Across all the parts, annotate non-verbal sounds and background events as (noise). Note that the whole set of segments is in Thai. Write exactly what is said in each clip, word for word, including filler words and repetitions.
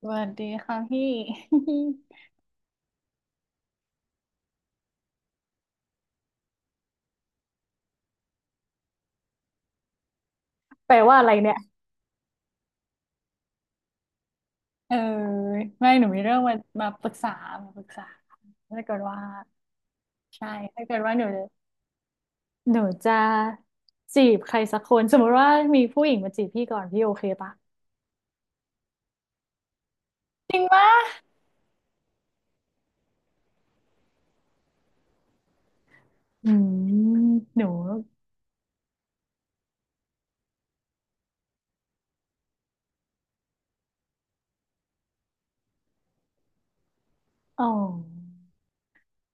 สวัสดีค่ะพี่ (laughs) แปลว่าอะไรเนี่ยเออไม่หนูมีเรื่องมามาปรึกษามาปรึกษาถ้าเกิดว่าใช่ถ้าเกิดว่าหนูจะหนูจะจีบใครสักคนสมมติว่ามีผู้หญิงมาจีบพี่ก่อนพี่โอเคปะจริงปะอืมหนูอ๋อ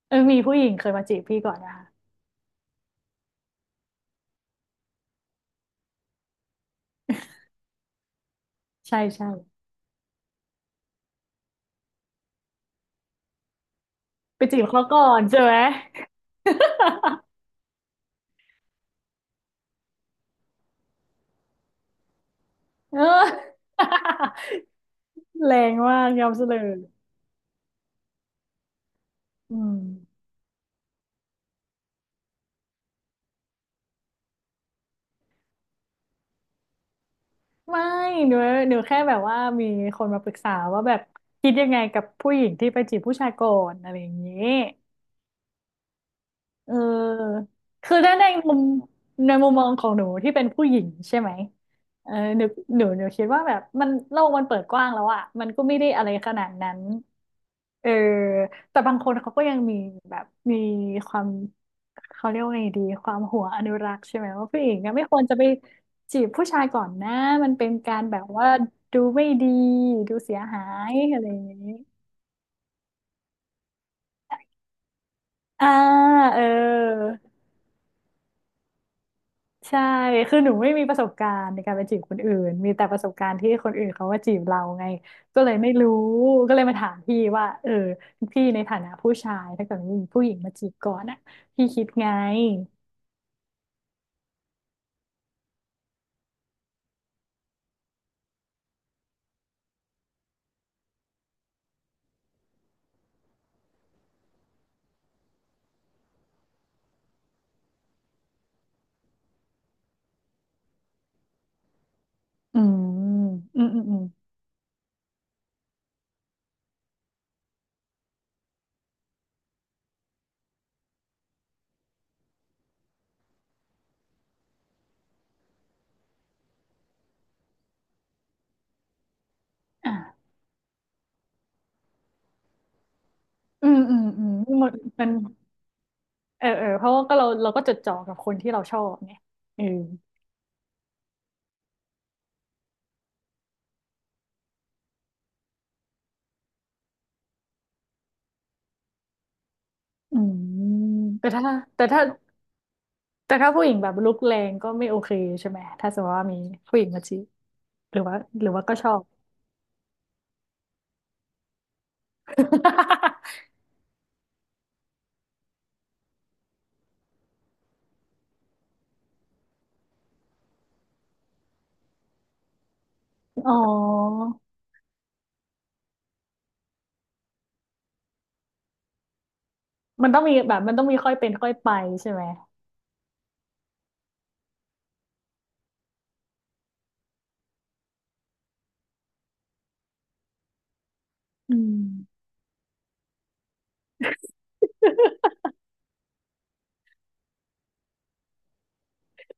เออมีผู้หญิงเคยมาจีบพี่ก่อนนะคะใช่ใช่ไปจีบเขาก่อนใช่ไหม (laughs) เออ (laughs) แรงมากยอมเสลยอืม ไม่หนูหนูแค่แบบว่ามีคนมาปรึกษาว่าแบบคิดยังไงกับผู้หญิงที่ไปจีบผู้ชายก่อนอะไรอย่างนี้ เออคือถ้าในมุมในมุมมองของหนูที่เป็นผู้หญิงใช่ไหมเออหนูหนูหนูคิดว่าแบบมันโลกมันเปิดกว้างแล้วอะมันก็ไม่ได้อะไรขนาดนั้นเออแต่บางคนเขาก็ยังมีแบบมีความเขาเรียกว่าไงดีความหัวอนุรักษ์ใช่ไหมว่าผู้หญิงก็ไม่ควรจะไปจีบผู้ชายก่อนนะมันเป็นการแบบว่าดูไม่ดีดูเสียหายอะไรอย่างนี้อ่าเออ ใช่ คือหนูไม่มีประสบการณ์ในการไปจีบคนอื่น มีแต่ประสบการณ์ที่คนอื่นเขาว่าจีบเราไงก็เลยไม่รู้ก็เลยมาถามพี่ว่าเออพี่ในฐานะผู้ชายถ้าเกิดมีผู้หญิงมาจีบก่อนอ่ะพี่คิดไงอืมอืมอืมอืมอ่ะอืมอืมอืมหมันมันเออเออเพราะว่าก็เราเราก็จดจ่อกับคนที่เราชอบไงเอออืมแต่ถ้าแต่ถ้าแต่ถ้าผู้หญิงแบบลุกแรงก็ไม่โอเคใช่ไหมถ้าสมมติว่ามีผู้หญิงมาจีบหรือว่าหรือว่าก็ชอบ (laughs) อ๋อ มันต้องมีแบบมันต้องมีค่อยเป็นค่อยไปใช่ไหมอืม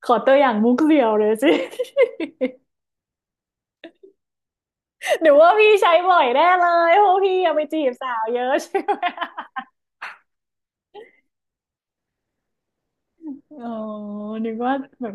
ขอตัวอย่างมุกเดียวเลยสิ (laughs) หรือวว่าพี่ใช้บ่อยแน่เลยเพราะพี่เอะไปจีบสาวเยอะใช่ไหม อ๋อนึกว่าแบบ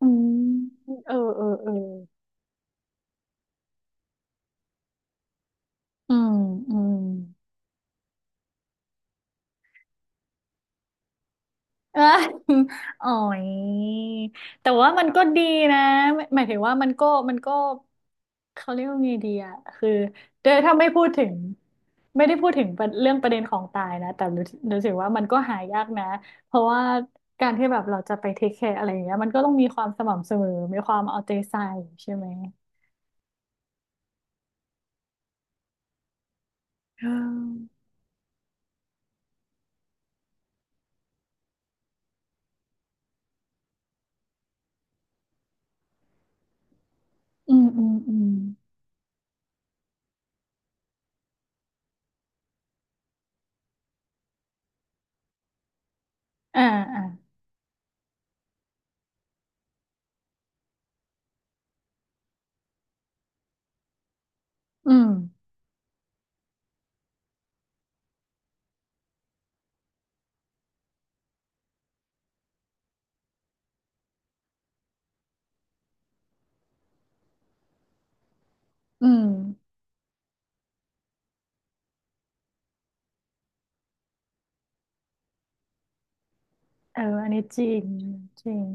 อืมเออเออเอออืมอืม เออ (laughs) อ๋อยแต่ว่ามันก็ดีนะหมายถึงว่ามันก็มันก็เขาเรียกว่าไงดีอะคือโดยถ้าไม่พูดถึงไม่ได้พูดถึงประเรื่องประเด็นของตายนะแต่รู้รู้สึกว่ามันก็หายากนะเพราะว่าการที่แบบเราจะไปเทคแคร์อะไรอย่างเงี้ยมันก็ต้องมีความสม่ำเสมอมีความเอาใจใส่ใช่ไหมเอออืมอืมอืมอ่าอ่าอืมอืมเอออันนี้จริงจริง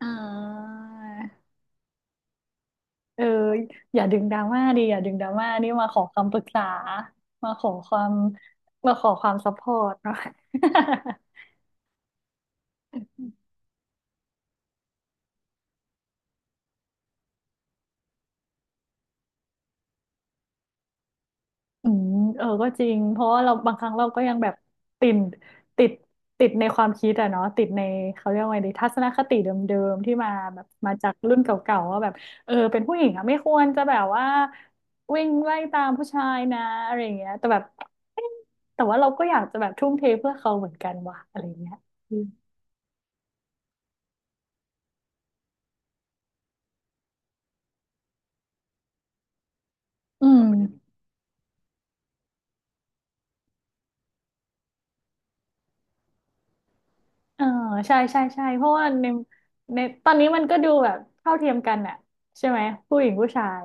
อ่า เอออย่าดึงดราม่าดิอย่าดึงดราม่านี่มาขอคำปรึกษามาขอความมาขอความซัพพอร์ตเนาะ (laughs) อืมเออก็จริงเพราะว่าเราบางครั้งเราก็ยังแบบติดติดติดในความคิดอะเนาะติดในเขาเรียกว่าไงดีทัศนคติเดิมๆที่มาแบบมาจากรุ่นเก่าๆว่าแบบเออเป็นผู้หญิงอะไม่ควรจะแบบว่าวิ่งไล่ตามผู้ชายนะอะไรอย่างเงี้ยแต่แบบเอ๊ะแต่ว่าเราก็อยากจะแบบทุ่มเทเพื่อเขาเหมือนกันว่ะอะไรอย่างเงี้ยอืม เออใช่ใช่ใช่เพราะว่าในในตอนนี้มันก็ดูแบบเท่าเทียมกันน่ะใช่ไหมผู้หญิงผู้ชาย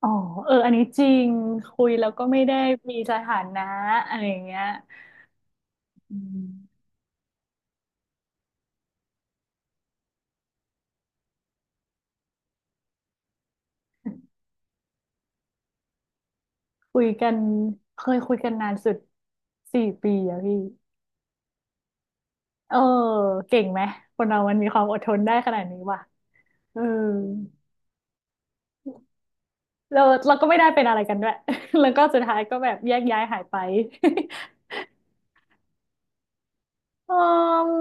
อ๋อเอออันนี้จริงคุยแล้วก็ไม่ได้มีสถานะอะไรอย่างเงี้ยอืมคุยกันเคยคุยกันนานสุดสี่ปีอะพี่เออเก่งไหมคนเรามันมีความอดทนได้ขนาดนี้ว่ะเออเราเราก็ไม่ได้เป็นอะไรกันด้วย (laughs) แล้วก็สุดท้ายก็แบบแยกย้ายหายไป (laughs) เออ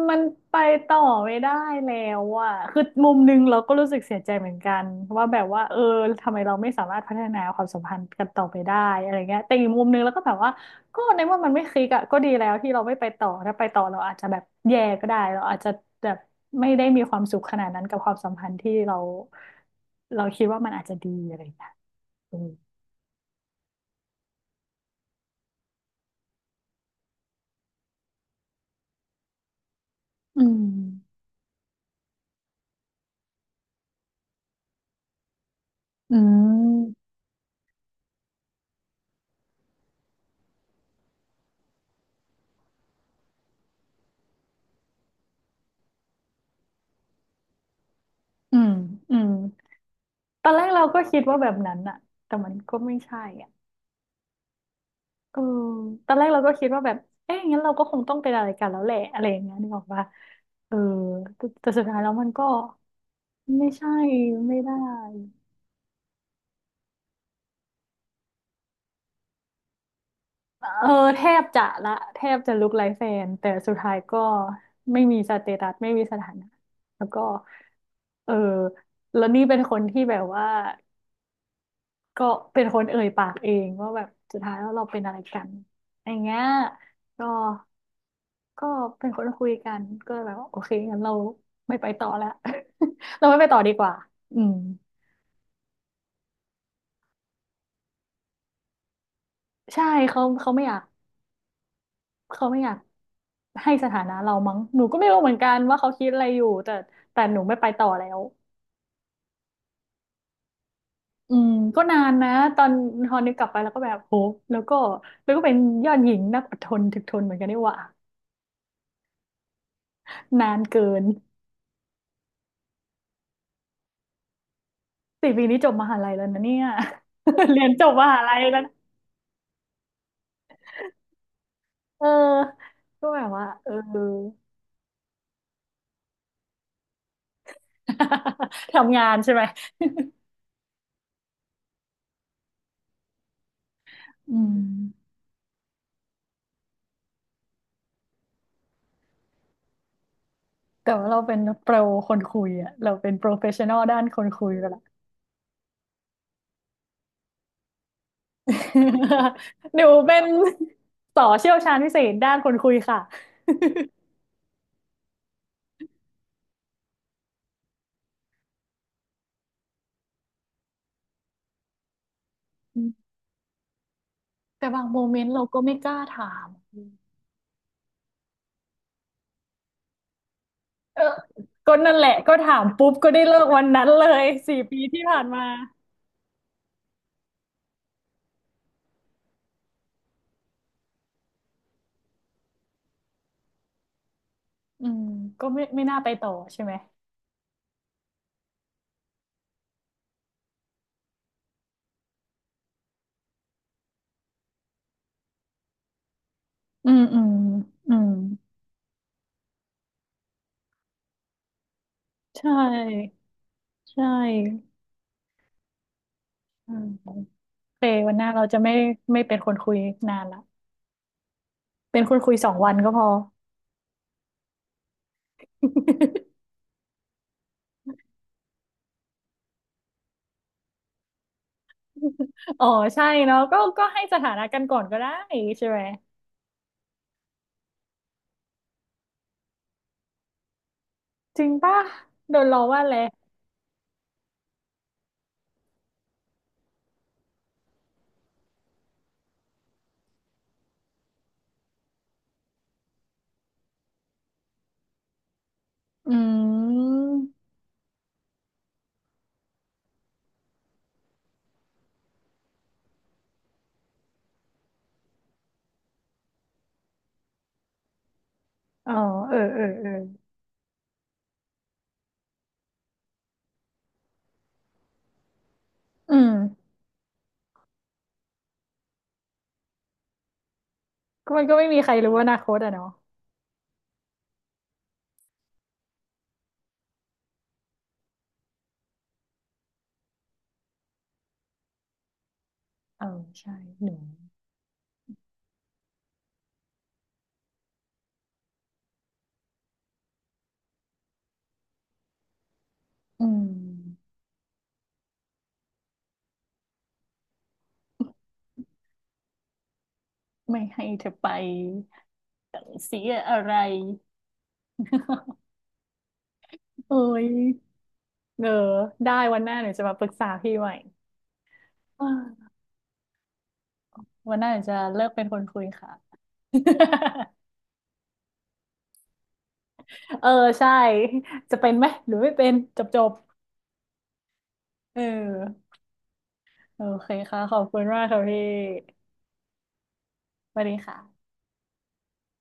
มันไปต่อไม่ได้แล้วอ่ะคือมุมหนึงเราก็รู้สึกเสียใจเหมือนกันว่าแบบว่าเออทำไมเราไม่สามารถพัฒนาความสัมพันธ์กันต่อไปได้อะไรเงี้ยแต่อีกมุมหนึงเราก็แบบว่าก็ในเมื่อมันไม่คลิกอ่ะก็ดีแล้วที่เราไม่ไปต่อถ้าไปต่อเราอาจจะแบบแย่ก็ได้เราอาจจะแบบไม่ได้มีความสุขขนาดนั้นกับความสัมพันธ์ที่เราเราคิดว่ามันอาจจะดีอะไรเงี้ยอืมอืมอืมอืมอืมตอนแรกเราก็คิดว่าแบบนั้นอ่ะแต่มันก็ไม่ใช่อ่ะ เออตอนแรกเราก็คิดว่าแบบเอ๊ะงั้นเราก็คงต้องเป็นอะไรกันแล้วแหละอะไรอย่างเงี้ยนึกออกปะเออแต่แต่สุดท้ายแล้วมันก็ไม่ใช่ไม่ได้เออแทบจะละแทบจะลุกไลฟ์แฟนแต่สุดท้ายก็ไม่มีสเตตัสไม่มีสถานะแล้วก็เออแล้วนี่เป็นคนที่แบบว่าก็เป็นคนเอ่ยปากเองว่าแบบสุดท้ายแล้วเราเป็นอะไรกันอย่างเงี้ยก็ ก็เป็นคนคุยกันก็แบบว่าโอเคงั้นเราไม่ไปต่อแล้ว (laughs) เราไม่ไปต่อดีกว่าอืมใช่เขาเขาไม่อยากเขาไม่อยากให้สถานะเรามั้งหนูก็ไม่รู้เหมือนกันว่าเขาคิดอะไรอยู่แต่แต่หนูไม่ไปต่อแล้วอืมก็นานนะตอนตอนนี้กลับไปแล้วก็แบบโหแล้วก็แล้วก็เป็นยอดหญิงนักอดทนถึกทนเหมือนกันนี่หว่านานเกินสี่ปีนี้จบมหาลัยแล้วนะเนี่ย (laughs) เรียนจบมหาลัยแล้วนะเออก็แบบว่าเออ (laughs) ทำงานใช่ไหมอืมแต่ว่าเราเป็นโปรคนคุยอะเราเป็นโปรเฟชชั่นอลด้านคนคุยไปละ (laughs) หนูเป็นต่อเชี่ยวชาญพิเศษด้านคนคุยค่ะอืมแต่บางโมเมนต์เราก็ไม่กล้าถามเออก็นั่นแหละก็ถามปุ๊บก็ได้เลิกวันนั้นเลยสี่ปีที่ผ่านมาอืมก็ไม่ไม่น่าไปต่อใช่ไหมอืมอืมอืมใช่ ใช่อืม เควันหน้าเราจะไม่ไม่เป็นคนคุยนานละเป็นคนคุยสองวันก็พอ (laughs) อ๋อใช่เนาะก็ก็ให้สถานะกันก่อนก็ได้ใช่ไหมจริงป่ะโดนล้อว่าอะไรอืมอ๋อเออเออเอออืมก็มันก็ไม่มีใครรู้อนาคตอะเนาะเออใช่หนูอืมไม่ให้เธอไปเสียอะไร (laughs) โอ้ยเออได้วันหน้าหนูจะมาปรึกษาพี่ใหม่อ่าวันหน้าหนูจะเลิกเป็นคนคุยค่ะ (laughs) เออใช่จะเป็นไหมหรือไม่เป็นจบจบเออโอเคค่ะขอบคุณมากค่ะพี่สวัสดีค่ะ